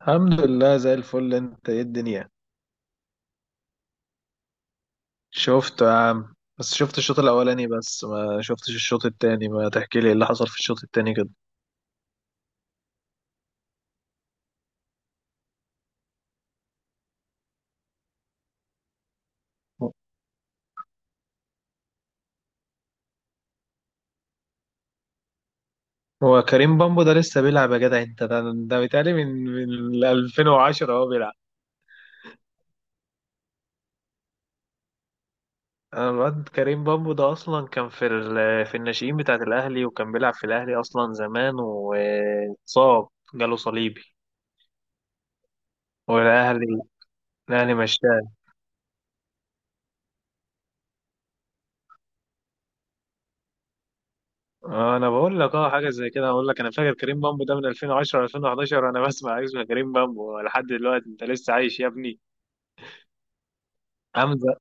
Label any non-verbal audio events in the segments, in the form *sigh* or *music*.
الحمد لله زي الفل. انت ايه الدنيا؟ شفته يا عم، بس شفت الشوط الاولاني، بس ما شفتش الشوط التاني. ما تحكي لي ايه اللي حصل في الشوط التاني كده؟ هو كريم بامبو ده لسه بيلعب يا جدع؟ انت ده بيتهيألي من 2010 هو بيلعب. انا الواد كريم بامبو ده اصلا كان في في الناشئين بتاعت الاهلي، وكان بيلعب في الاهلي اصلا زمان، واتصاب، جاله صليبي. والاهلي الاهلي مشاه. انا بقول لك حاجه زي كده. اقول لك انا فاكر كريم بامبو ده من 2010، 2011، انا بسمع اسم كريم بامبو لحد دلوقتي. انت لسه عايش يا ابني حمزه؟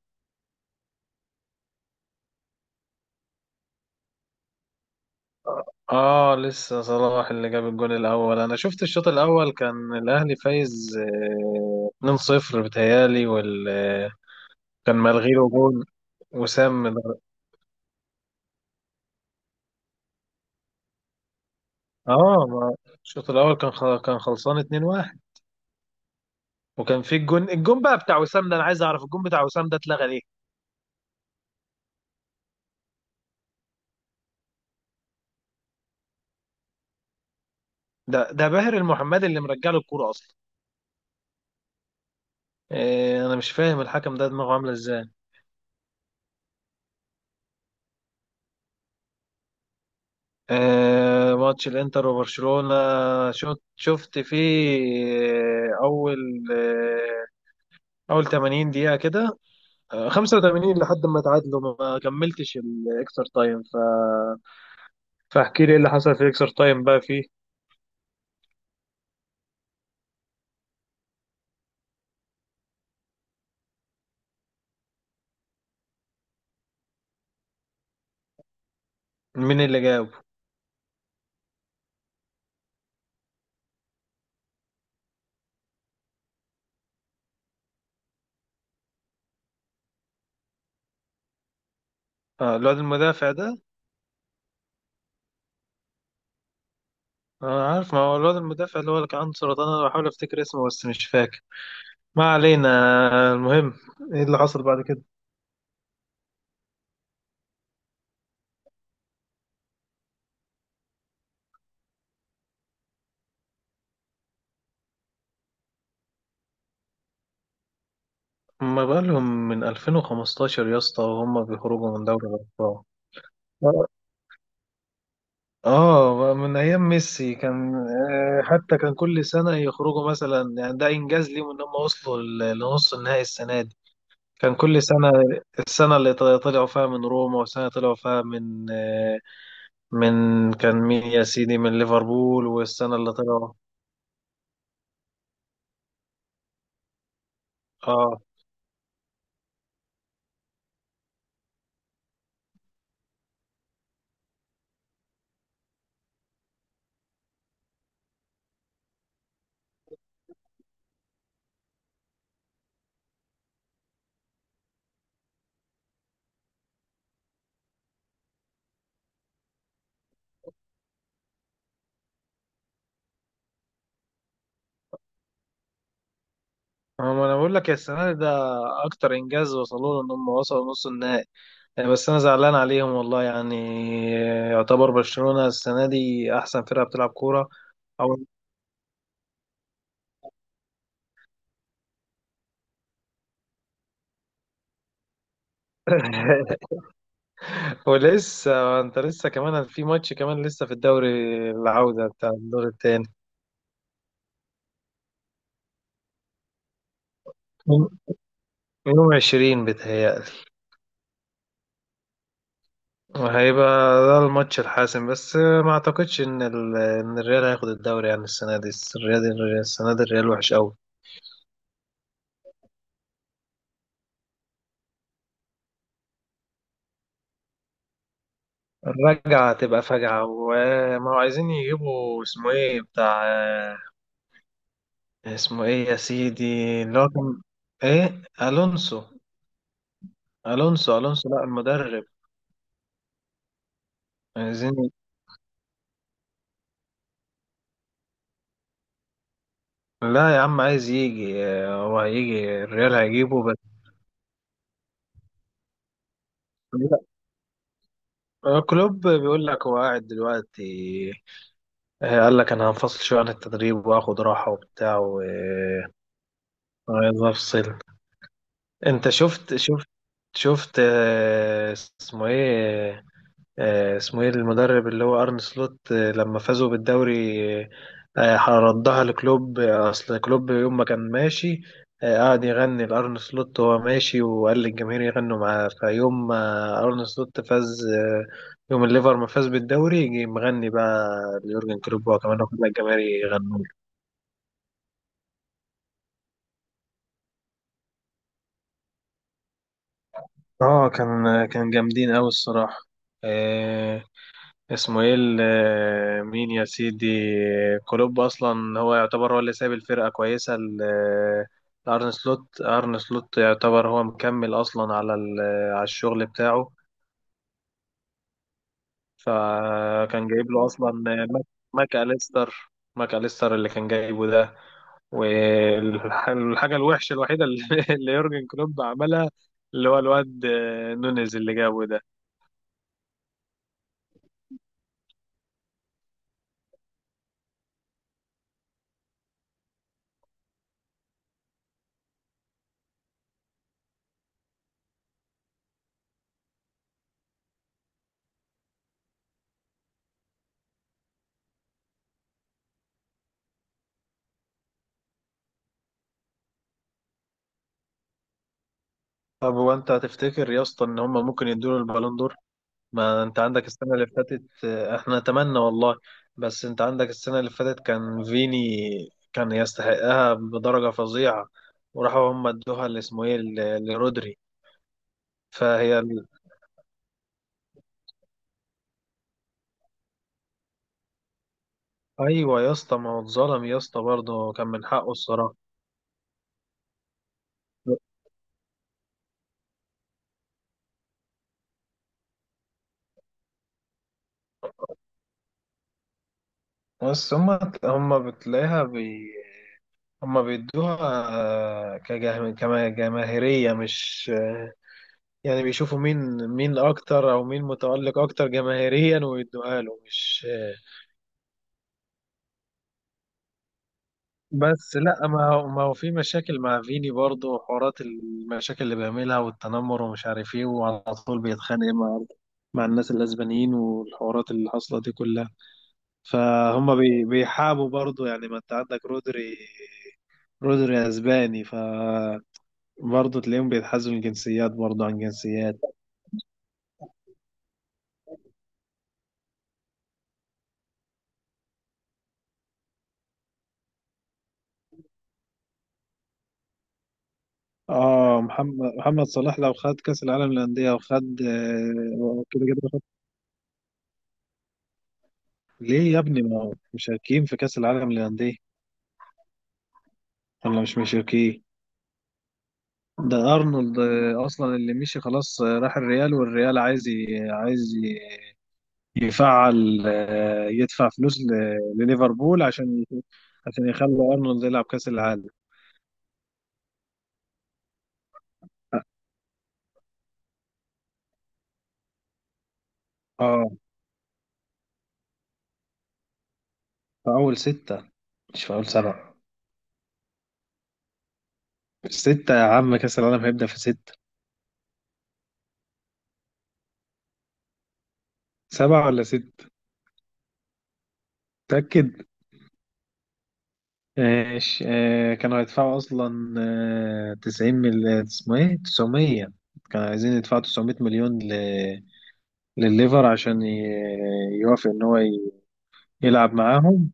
اه، لسه صلاح اللي جاب الجول الاول. انا شفت الشوط الاول كان الاهلي فايز، 2-0 بتهيالي، وال آه، كان ملغي له جول. وسام من- اه ما- الشوط الاول كان كان خلصان 2-1. وكان في الجون بقى بتاع وسام ده. انا عايز اعرف الجون بتاع وسام ده اتلغى ليه. ده باهر المحمدي اللي مرجع له الكوره اصلا. إيه، انا مش فاهم الحكم ده دماغه عامله ازاي. إيه، ماتش الانتر وبرشلونه. شفت فيه اول، آه، اول 80 دقيقه كده. 85 لحد ما تعادلوا. ما كملتش الاكسترا تايم. فاحكي لي ايه اللي حصل في الاكسترا تايم بقى فيه. مين اللي جاب؟ الواد المدافع ده. انا عارف، ما هو الواد المدافع اللي هو اللي كان عنده سرطان. انا بحاول افتكر اسمه بس مش فاكر. ما علينا. المهم، ايه اللي حصل بعد كده؟ ما بالهم من 2015 يا اسطى وهم بيخرجوا من دوري الأبطال؟ اه. من أيام ميسي كان، حتى كان كل سنة يخرجوا مثلا. يعني ده إنجاز ليهم إن هم وصلوا لنص النهائي السنة دي. كان كل سنة. السنة اللي طلعوا فيها من روما، والسنة طلعوا فيها من، من كان مين يا سيدي، من ليفربول، والسنة اللي طلعوا. اه، ما انا بقول لك، يا السنه دي ده اكتر انجاز وصلوا له، ان هم وصلوا نص النهائي يعني. بس انا زعلان عليهم والله يعني. يعتبر برشلونه السنه دي احسن فرقه بتلعب كوره. او. *laughs* ولسه انت لسه كمان في ماتش، كمان لسه في الدوري، العوده بتاع الدور الثاني. يوم 20 بيتهيألي. وهيبقى ده الماتش الحاسم. بس ما اعتقدش ان ان الريال هياخد الدوري يعني السنه دي. الريال، السنه دي الريال وحش قوي. الرجعة تبقى فجعة. وما هو عايزين يجيبوا اسمه ايه بتاع، اسمه ايه يا سيدي، اللي هو كان، ايه، الونسو. الونسو، الونسو، لا المدرب. عايزين. لا يا عم، عايز يجي. هو هيجي، الريال هيجيبه بس. لا. كلوب بيقول لك هو قاعد دلوقتي. قال لك انا هنفصل شويه عن التدريب واخد راحه وبتاع، وعايز افصل. انت شفت اسمه ايه، اسمه ايه المدرب اللي هو ارن سلوت، لما فازوا بالدوري. آه، ردها لكلوب. اصل كلوب يوم ما كان ماشي، قعد يغني لارن سلوت وهو ماشي، وقال للجماهير يغنوا معاه. فيوم ما ارن سلوت فاز، يوم الليفر ما فاز بالدوري، جه مغني بقى ليورجن كلوب وهو كمان واخد الجماهير يغنوا. اه، كان جامدين قوي الصراحه. آه. اسمه ايه مين يا سيدي؟ كلوب اصلا هو يعتبر هو اللي سايب الفرقه كويسه لارن سلوت. ارن سلوت يعتبر هو مكمل اصلا على على الشغل بتاعه. فكان جايب له اصلا ماك، ماك اليستر. ماك اليستر اللي كان جايبه ده. والحاجة الوحشة الوحيدة اللي *laughs* اللي يورجن كلوب عملها، اللي هو الواد نونيز اللي جابه ده. طب هو انت هتفتكر يا اسطى ان هم ممكن يدوا له البالون دور؟ ما انت عندك السنه اللي فاتت، احنا نتمنى والله. بس انت عندك السنه اللي فاتت كان فيني، كان يستحقها بدرجه فظيعه، وراحوا هم ادوها اللي اسمه ايه لرودري. فهي ال- ايوه يا اسطى، ما هو اتظلم يا اسطى برضه، كان من حقه الصراحه. بس هم، هم بتلاقيها بي، هم بيدوها كجماهيريه، مش يعني، بيشوفوا مين اكتر، او مين متألق اكتر جماهيريا، ويدوها له مش. بس لا، ما هو في مشاكل مع فيني برضه، وحوارات المشاكل اللي بيعملها والتنمر ومش عارف ايه، وعلى طول بيتخانق مع الناس الاسبانيين، والحوارات اللي حاصله دي كلها. فهم بيحابوا برضه يعني. ما انت عندك رودري، رودري اسباني، فبرضه تلاقيهم بيتحازوا الجنسيات برضه عن جنسيات. اه، محمد صلاح لو خد كأس العالم للأندية وخد، كده كده خد. ليه يا ابني؟ ما هو مشاركين في كأس العالم للأندية ولا مش مشاركين؟ ده أرنولد أصلا اللي مشي خلاص. راح الريال، والريال عايز ي- يفعل، يدفع فلوس لليفربول عشان، عشان يخلوا أرنولد يلعب كأس العالم. اه. آه، في أول ستة، مش في أول سبعة. ستة يا عم، كأس العالم هيبدأ في ستة. سبعة ولا ستة؟ متأكد؟ ماشي. كانوا هيدفعوا أصلا تسعين مل اسمه إيه 900. كانوا عايزين يدفعوا 900 مليون ل... لليفر عشان ي... يوافق إن هو ي... يلعب معاهم.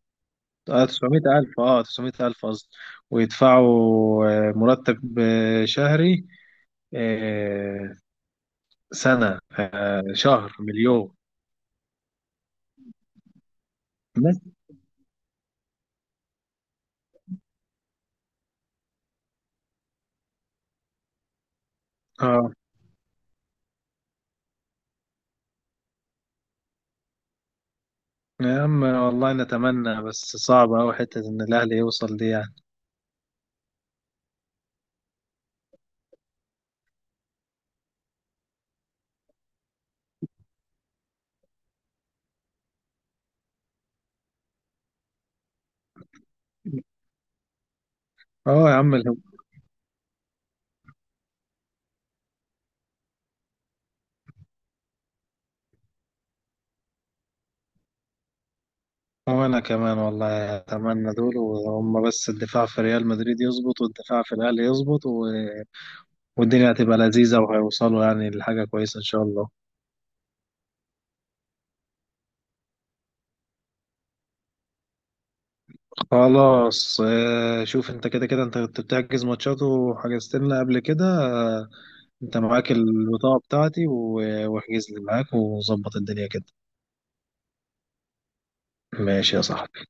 اه، 900 ألف، اه 900 ألف قصدي. ويدفعوا مرتب شهري. آه، سنة، شهر مليون. بس. اه يا عم، والله نتمنى، بس صعب أوي حتة إن الأهلي يوصل دي يعني. اه يا عم. وأنا كمان والله أتمنى دول. وهم بس الدفاع في ريال مدريد يظبط، والدفاع في الأهلي يظبط، و... والدنيا هتبقى لذيذة، وهيوصلوا يعني لحاجة كويسة إن شاء الله. خلاص. شوف أنت، كده كده أنت كنت بتحجز ماتشات وحجزت لنا قبل كده. أنت معاك البطاقة بتاعتي، واحجز لي معاك وظبط الدنيا كده. ماشي يا صاحبي.